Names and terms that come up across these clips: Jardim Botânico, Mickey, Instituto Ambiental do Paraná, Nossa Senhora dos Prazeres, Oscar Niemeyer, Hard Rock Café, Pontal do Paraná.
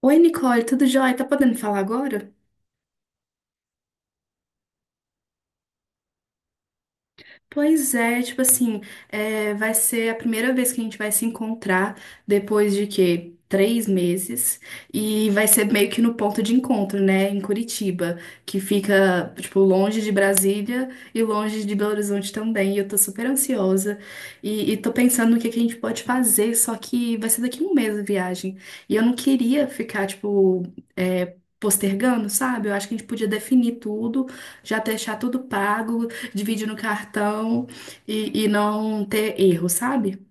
Oi, Nicole, tudo jóia? Tá podendo falar agora? Pois é, tipo assim, vai ser a primeira vez que a gente vai se encontrar depois de quê? 3 meses. E vai ser meio que no ponto de encontro, né? Em Curitiba, que fica, tipo, longe de Brasília e longe de Belo Horizonte também. E eu tô super ansiosa. E tô pensando no que a gente pode fazer, só que vai ser daqui a 1 mês a viagem. E eu não queria ficar, tipo, postergando, sabe? Eu acho que a gente podia definir tudo, já deixar tudo pago, divide no cartão e não ter erro, sabe?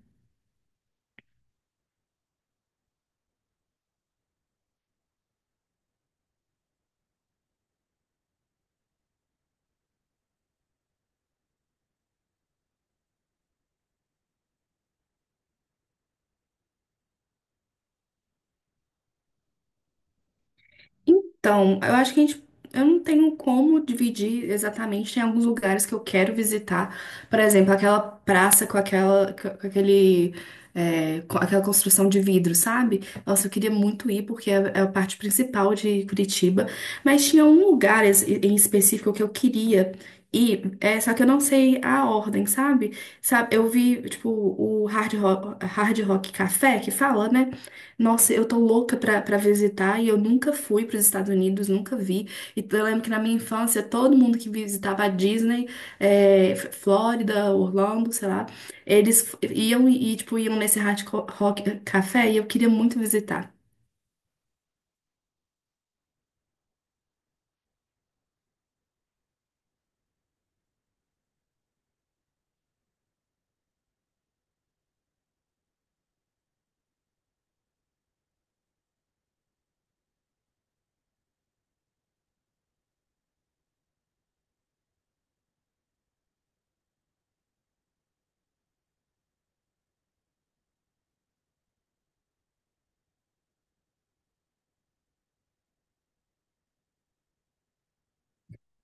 Então, eu acho que a gente, eu não tenho como dividir exatamente. Tem alguns lugares que eu quero visitar, por exemplo, aquela praça com aquela, com aquela construção de vidro, sabe? Nossa, eu queria muito ir porque é a parte principal de Curitiba. Mas tinha um lugar em específico que eu queria ir, só que eu não sei a ordem, sabe? Sabe, eu vi tipo o Hard Rock Café que fala, né? Nossa, eu tô louca pra visitar e eu nunca fui pros Estados Unidos, nunca vi. E eu lembro que na minha infância todo mundo que visitava a Disney, Flórida, Orlando, sei lá, eles iam e, tipo, iam nesse Hard Rock Café e eu queria muito visitar.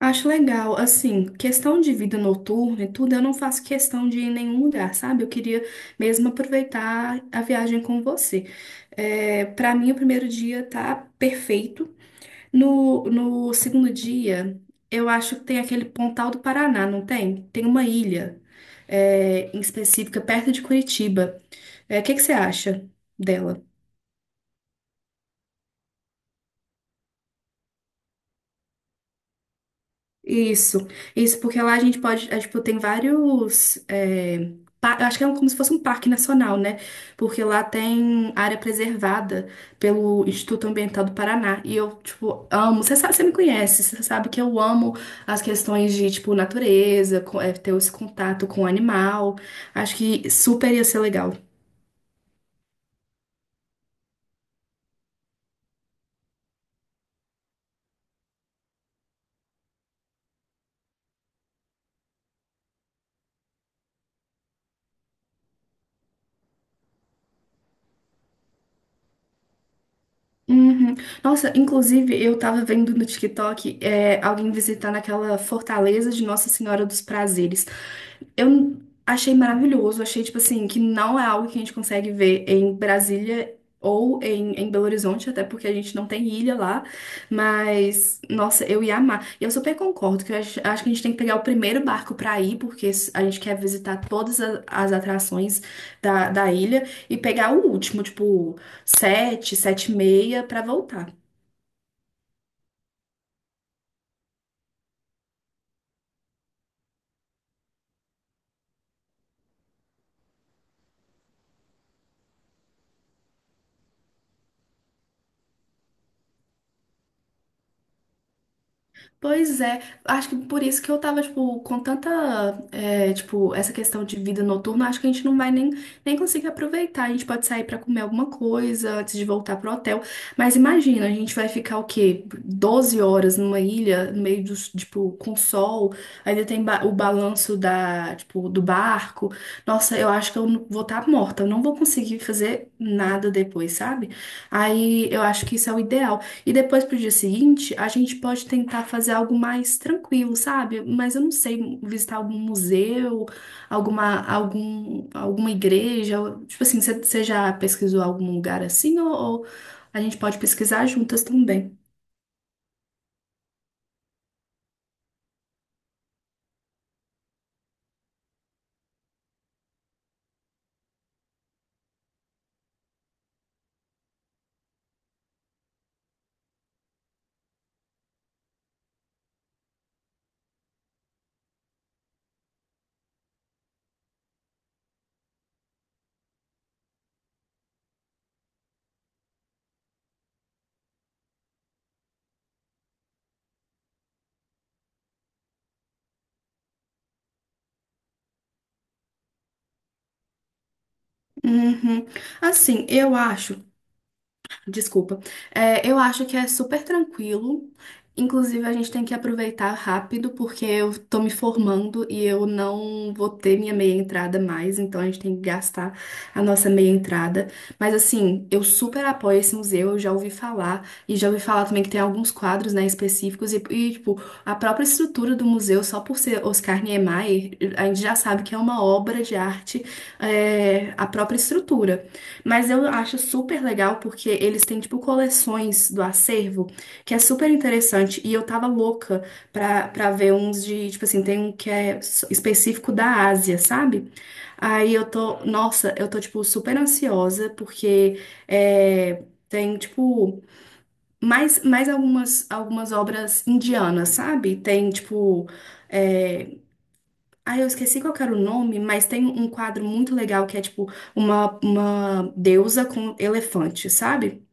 Acho legal, assim, questão de vida noturna e tudo, eu não faço questão de ir em nenhum lugar, sabe? Eu queria mesmo aproveitar a viagem com você. É, para mim, o primeiro dia tá perfeito. No segundo dia, eu acho que tem aquele Pontal do Paraná, não tem? Tem uma ilha, em específica, perto de Curitiba. É, o que que você acha dela? Isso, isso, porque lá a gente pode, tipo, tem vários, eu acho que como se fosse um parque nacional, né? Porque lá tem área preservada pelo Instituto Ambiental do Paraná, e eu, tipo, amo, você sabe, você me conhece, você sabe que eu amo as questões de, tipo, natureza, ter esse contato com o animal, acho que super ia ser legal. Uhum. Nossa, inclusive eu tava vendo no TikTok, alguém visitando aquela fortaleza de Nossa Senhora dos Prazeres. Eu achei maravilhoso, achei, tipo assim, que não é algo que a gente consegue ver em Brasília ou em Belo Horizonte, até porque a gente não tem ilha lá, mas, nossa, eu ia amar. E eu super concordo que eu acho que a gente tem que pegar o primeiro barco pra ir, porque a gente quer visitar todas as atrações da ilha, e pegar o último, tipo, 7:30, pra voltar. Pois é, acho que por isso que eu tava, tipo, com tanta, tipo, essa questão de vida noturna, acho que a gente não vai nem conseguir aproveitar. A gente pode sair pra comer alguma coisa antes de voltar pro hotel. Mas imagina, a gente vai ficar o quê? 12 horas numa ilha, no meio dos, tipo, com sol, ainda tem o balanço da, tipo, do barco. Nossa, eu acho que eu não- vou estar morta, eu não vou conseguir fazer nada depois, sabe? Aí eu acho que isso é o ideal. E depois pro dia seguinte, a gente pode tentar fazer algo mais tranquilo, sabe? Mas eu não sei, visitar algum museu, alguma igreja. Tipo assim, você já pesquisou algum lugar assim? Ou a gente pode pesquisar juntas também? Uhum. Assim, eu acho. Desculpa. Eu acho que é super tranquilo. Inclusive, a gente tem que aproveitar rápido, porque eu tô me formando e eu não vou ter minha meia entrada mais, então a gente tem que gastar a nossa meia entrada. Mas assim, eu super apoio esse museu, eu já ouvi falar, e já ouvi falar também que tem alguns quadros, né, específicos, e, tipo, a própria estrutura do museu, só por ser Oscar Niemeyer, a gente já sabe que é uma obra de arte, a própria estrutura. Mas eu acho super legal porque eles têm, tipo, coleções do acervo, que é super interessante. E eu tava louca pra ver uns de, tipo assim, tem um que é específico da Ásia, sabe? Aí eu tô, nossa, eu tô, tipo, super ansiosa porque tem, tipo, mais algumas obras indianas, sabe? Tem, tipo. é, eu esqueci qual que era o nome, mas tem um quadro muito legal que é tipo uma deusa com elefante, sabe?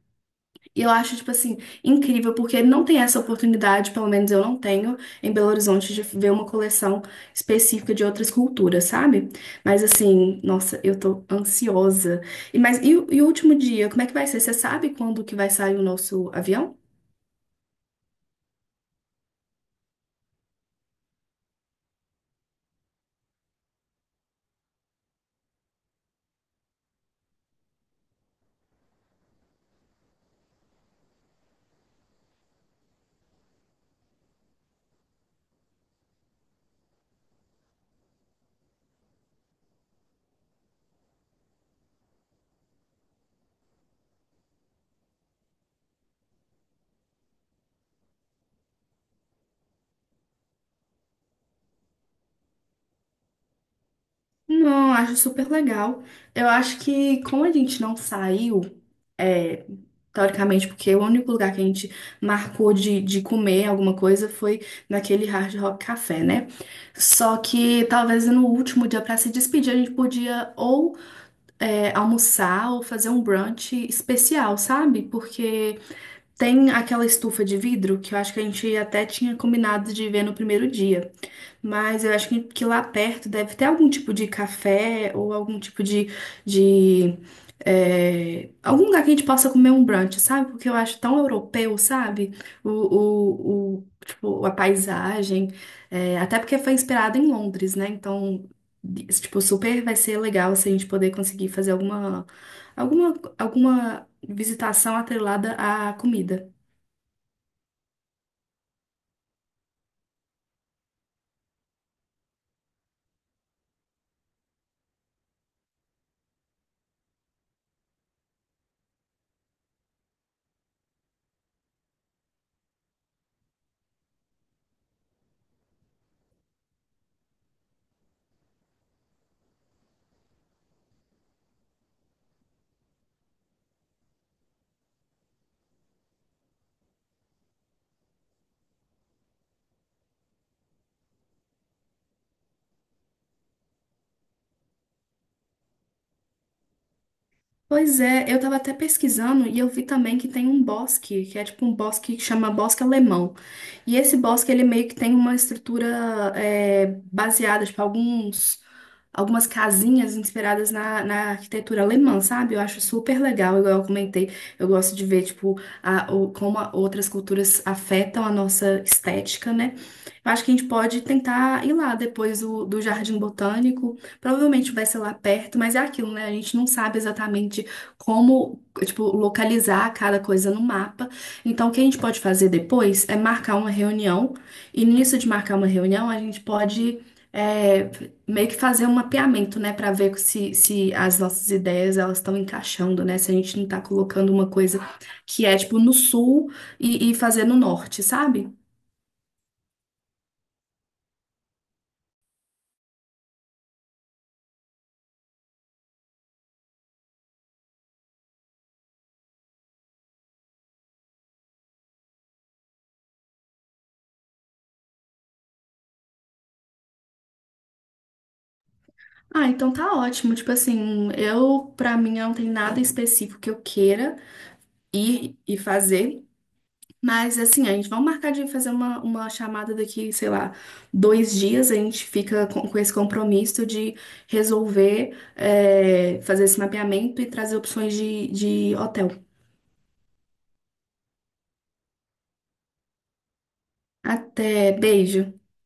E eu acho, tipo assim, incrível, porque não tem essa oportunidade, pelo menos eu não tenho, em Belo Horizonte, de ver uma coleção específica de outras culturas, sabe? Mas assim, nossa, eu tô ansiosa. E o último dia, como é que vai ser? Você sabe quando que vai sair o nosso avião? Não, acho super legal. Eu acho que como a gente não saiu. é, Teoricamente, porque o único lugar que a gente marcou de comer alguma coisa foi naquele Hard Rock Café, né? Só que talvez no último dia para se despedir a gente podia ou almoçar ou fazer um brunch especial, sabe? Porque tem aquela estufa de vidro que eu acho que a gente até tinha combinado de ver no primeiro dia. Mas eu acho que lá perto deve ter algum tipo de café ou algum tipo de algum lugar que a gente possa comer um brunch, sabe? Porque eu acho tão europeu, sabe? Tipo, a paisagem, até porque foi inspirado em Londres, né? Então, tipo, super vai ser legal se a gente poder conseguir fazer alguma visitação atrelada à comida. Pois é, eu tava até pesquisando e eu vi também que tem um bosque, que é tipo um bosque que chama bosque alemão. E esse bosque, ele meio que tem uma estrutura, é, baseada, tipo, alguns algumas casinhas inspiradas na arquitetura alemã, sabe? Eu acho super legal, igual eu comentei. Eu gosto de ver, tipo, como outras culturas afetam a nossa estética, né? Eu acho que a gente pode tentar ir lá depois do Jardim Botânico. Provavelmente vai ser lá perto, mas é aquilo, né? A gente não sabe exatamente como, tipo, localizar cada coisa no mapa. Então, o que a gente pode fazer depois é marcar uma reunião. E nisso de marcar uma reunião, a gente pode, é, meio que fazer um mapeamento, né, para ver se as nossas ideias elas estão encaixando, né? Se a gente não tá colocando uma coisa que é tipo no sul e fazer no norte, sabe? Ah, então tá ótimo. Tipo assim, eu pra mim não tem nada específico que eu queira ir e fazer. Mas assim, a gente vai marcar de fazer uma chamada daqui, sei lá, 2 dias, a gente fica com esse compromisso de resolver, fazer esse mapeamento e trazer opções de hotel. Até, beijo.